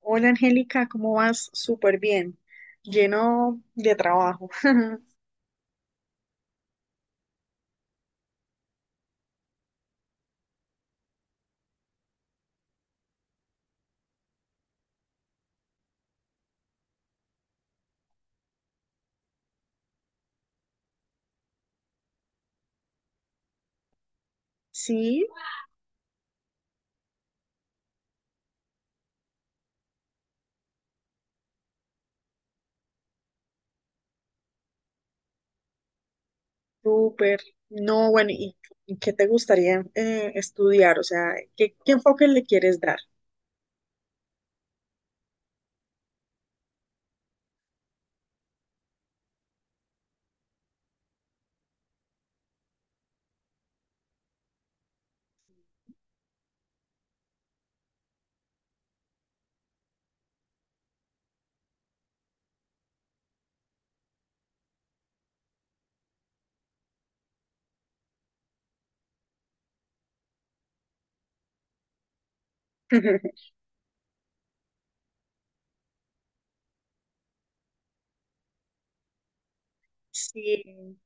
Hola Angélica, ¿cómo vas? Súper bien, lleno de trabajo. Sí, súper. No, bueno, ¿Y qué te gustaría estudiar? O sea, ¿qué, qué enfoque le quieres dar? Sí,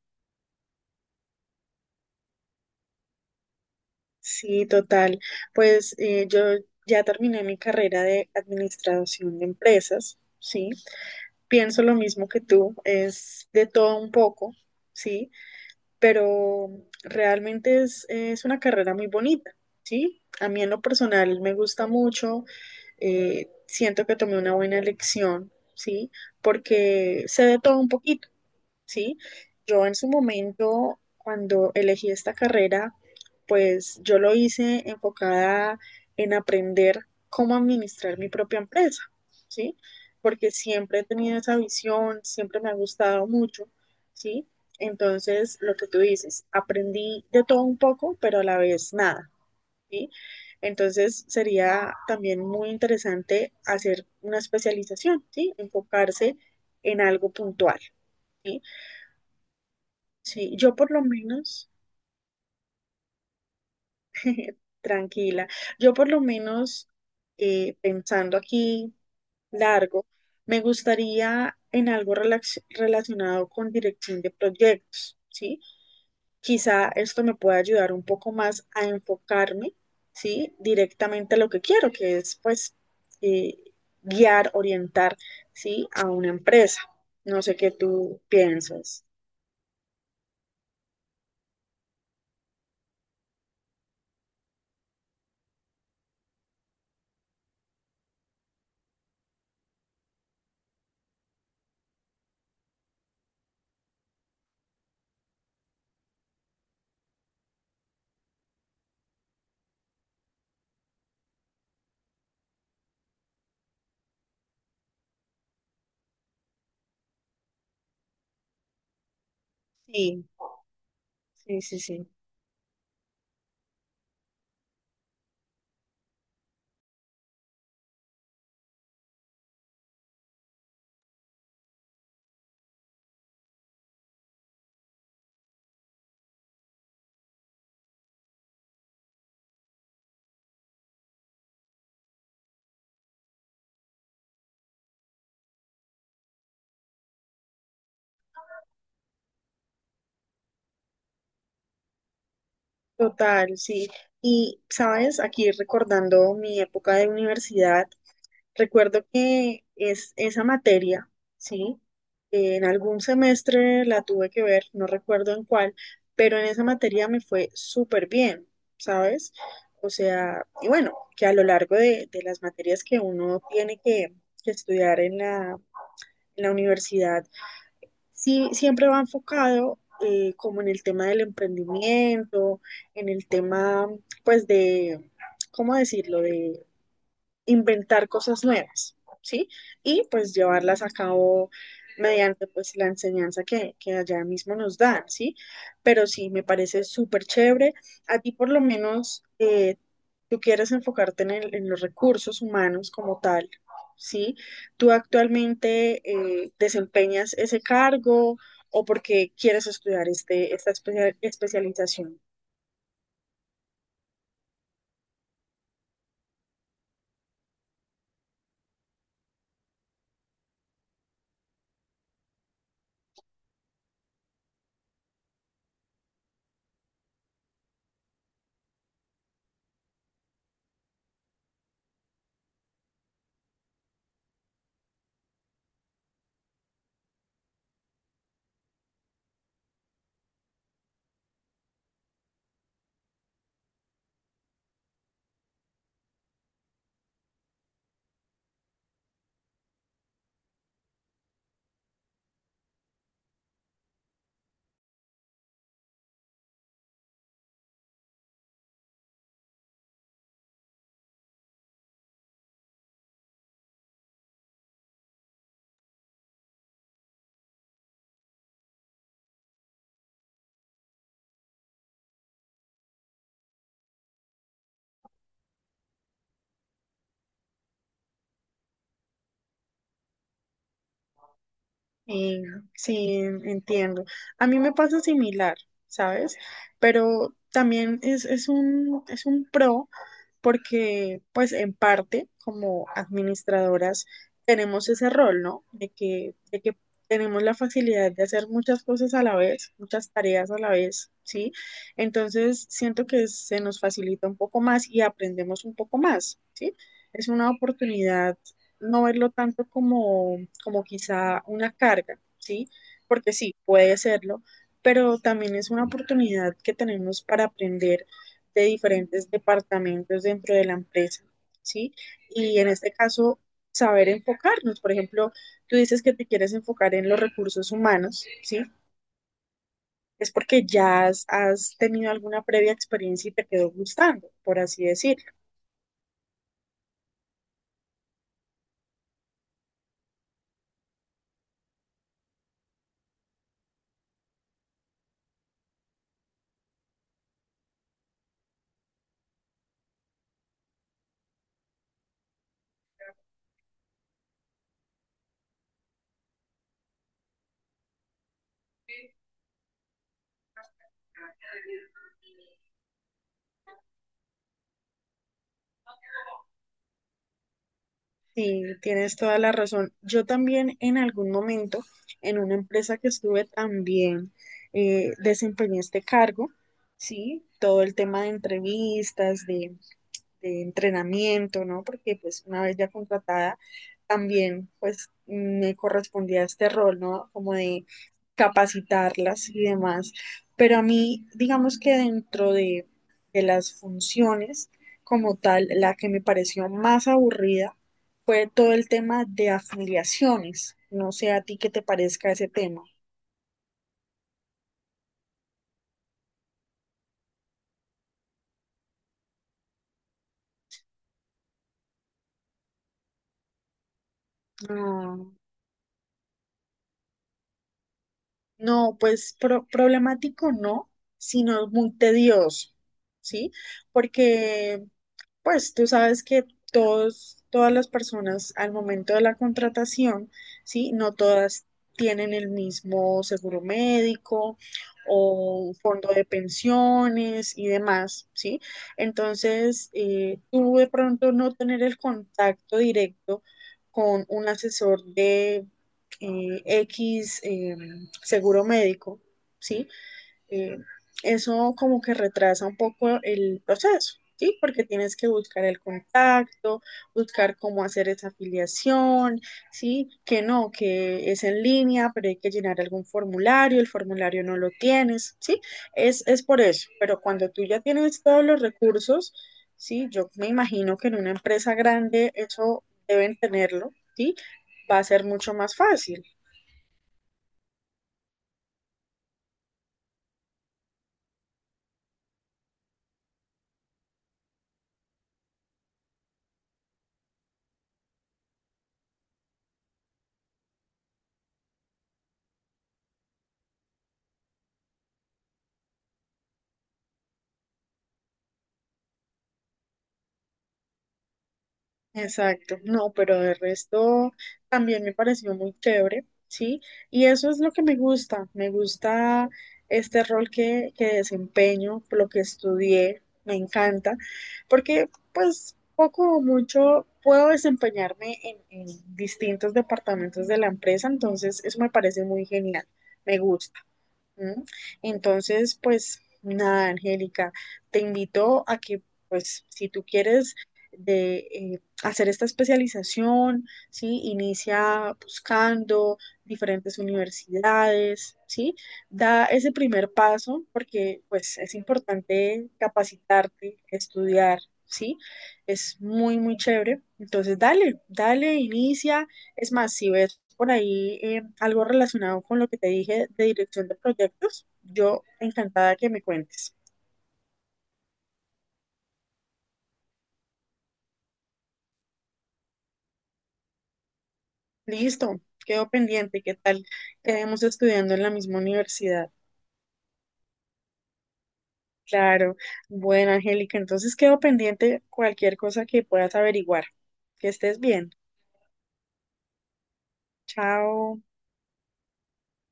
sí, total. Pues yo ya terminé mi carrera de administración de empresas, ¿sí? Pienso lo mismo que tú, es de todo un poco, ¿sí?, pero realmente es una carrera muy bonita, ¿sí? A mí en lo personal me gusta mucho. Siento que tomé una buena elección, ¿sí? Porque sé de todo un poquito, ¿sí? Yo en su momento, cuando elegí esta carrera, pues yo lo hice enfocada en aprender cómo administrar mi propia empresa, ¿sí? Porque siempre he tenido esa visión, siempre me ha gustado mucho, ¿sí? Entonces, lo que tú dices, aprendí de todo un poco, pero a la vez nada, ¿sí? Entonces, sería también muy interesante hacer una especialización, ¿sí? Enfocarse en algo puntual, ¿sí? Sí, yo por lo menos, tranquila, yo por lo menos pensando aquí largo, me gustaría en algo relacionado con dirección de proyectos, ¿sí? Quizá esto me pueda ayudar un poco más a enfocarme, ¿sí? Directamente a lo que quiero, que es pues eh, guiar, orientar, ¿sí? A una empresa. No sé qué tú piensas. Sí, sí, sí, sí. Total, sí. Y, sabes, aquí recordando mi época de universidad, recuerdo que es esa materia, ¿sí? En algún semestre la tuve que ver, no recuerdo en cuál, pero en esa materia me fue súper bien, ¿sabes? O sea, y bueno, que a lo largo de las materias que uno tiene que estudiar en en la universidad, sí siempre va enfocado como en el tema del emprendimiento, en el tema, pues de, ¿cómo decirlo? Inventar cosas nuevas, ¿sí? Y pues llevarlas a cabo mediante pues la enseñanza que allá mismo nos dan, ¿sí? Pero sí, me parece súper chévere. A ti por lo menos tú quieres enfocarte en, en los recursos humanos como tal, ¿sí? ¿Tú actualmente desempeñas ese cargo o porque quieres estudiar este, esta especialización? Sí, sí, entiendo. A mí me pasa similar, ¿sabes? Pero también es es un pro, porque pues en parte como administradoras tenemos ese rol, ¿no? De que tenemos la facilidad de hacer muchas cosas a la vez, muchas tareas a la vez, ¿sí? Entonces siento que se nos facilita un poco más y aprendemos un poco más, ¿sí? Es una oportunidad no verlo tanto como, como quizá una carga, ¿sí? Porque sí, puede serlo, pero también es una oportunidad que tenemos para aprender de diferentes departamentos dentro de la empresa, ¿sí? Y en este caso, saber enfocarnos. Por ejemplo, tú dices que te quieres enfocar en los recursos humanos, ¿sí? Es porque ya has tenido alguna previa experiencia y te quedó gustando, por así decirlo. Sí, tienes toda la razón. Yo también en algún momento, en una empresa que estuve también, desempeñé este cargo, ¿sí? Todo el tema de entrevistas, de entrenamiento, ¿no? Porque pues una vez ya contratada, también pues me correspondía este rol, ¿no? Como de capacitarlas y demás. Pero a mí, digamos que dentro de las funciones como tal, la que me pareció más aburrida fue todo el tema de afiliaciones. No sé a ti qué te parezca ese tema. No, pues problemático no, sino muy tedioso, ¿sí? Porque, pues tú sabes que todas las personas al momento de la contratación, ¿sí? No todas tienen el mismo seguro médico o fondo de pensiones y demás, ¿sí? Entonces, tú de pronto no tener el contacto directo con un asesor de X. Seguro médico, ¿sí? Eh, eso como que retrasa un poco el proceso, ¿sí? Porque tienes que buscar el contacto, buscar cómo hacer esa afiliación, ¿sí? Que no, que es en línea, pero hay que llenar algún formulario, el formulario no lo tienes, ¿sí? Es por eso, pero cuando tú ya tienes todos los recursos, ¿sí? Yo me imagino que en una empresa grande eso deben tenerlo, ¿sí? Va a ser mucho más fácil. Exacto, no, pero de resto también me pareció muy chévere, ¿sí? Y eso es lo que me gusta este rol que desempeño, lo que estudié, me encanta, porque pues poco o mucho puedo desempeñarme en distintos departamentos de la empresa, entonces eso me parece muy genial, me gusta. Ujú. Entonces, pues nada, Angélica, te invito a que, pues, si tú quieres de, hacer esta especialización, ¿sí? Inicia buscando diferentes universidades, ¿sí? Da ese primer paso porque, pues, es importante capacitarte, estudiar, ¿sí? Es muy, muy chévere. Entonces, dale, dale, inicia. Es más, si ves por ahí algo relacionado con lo que te dije de dirección de proyectos, yo encantada que me cuentes. Listo, quedo pendiente, ¿qué tal? Quedemos estudiando en la misma universidad. Claro, bueno, Angélica, entonces quedo pendiente cualquier cosa que puedas averiguar. Que estés bien. Chao.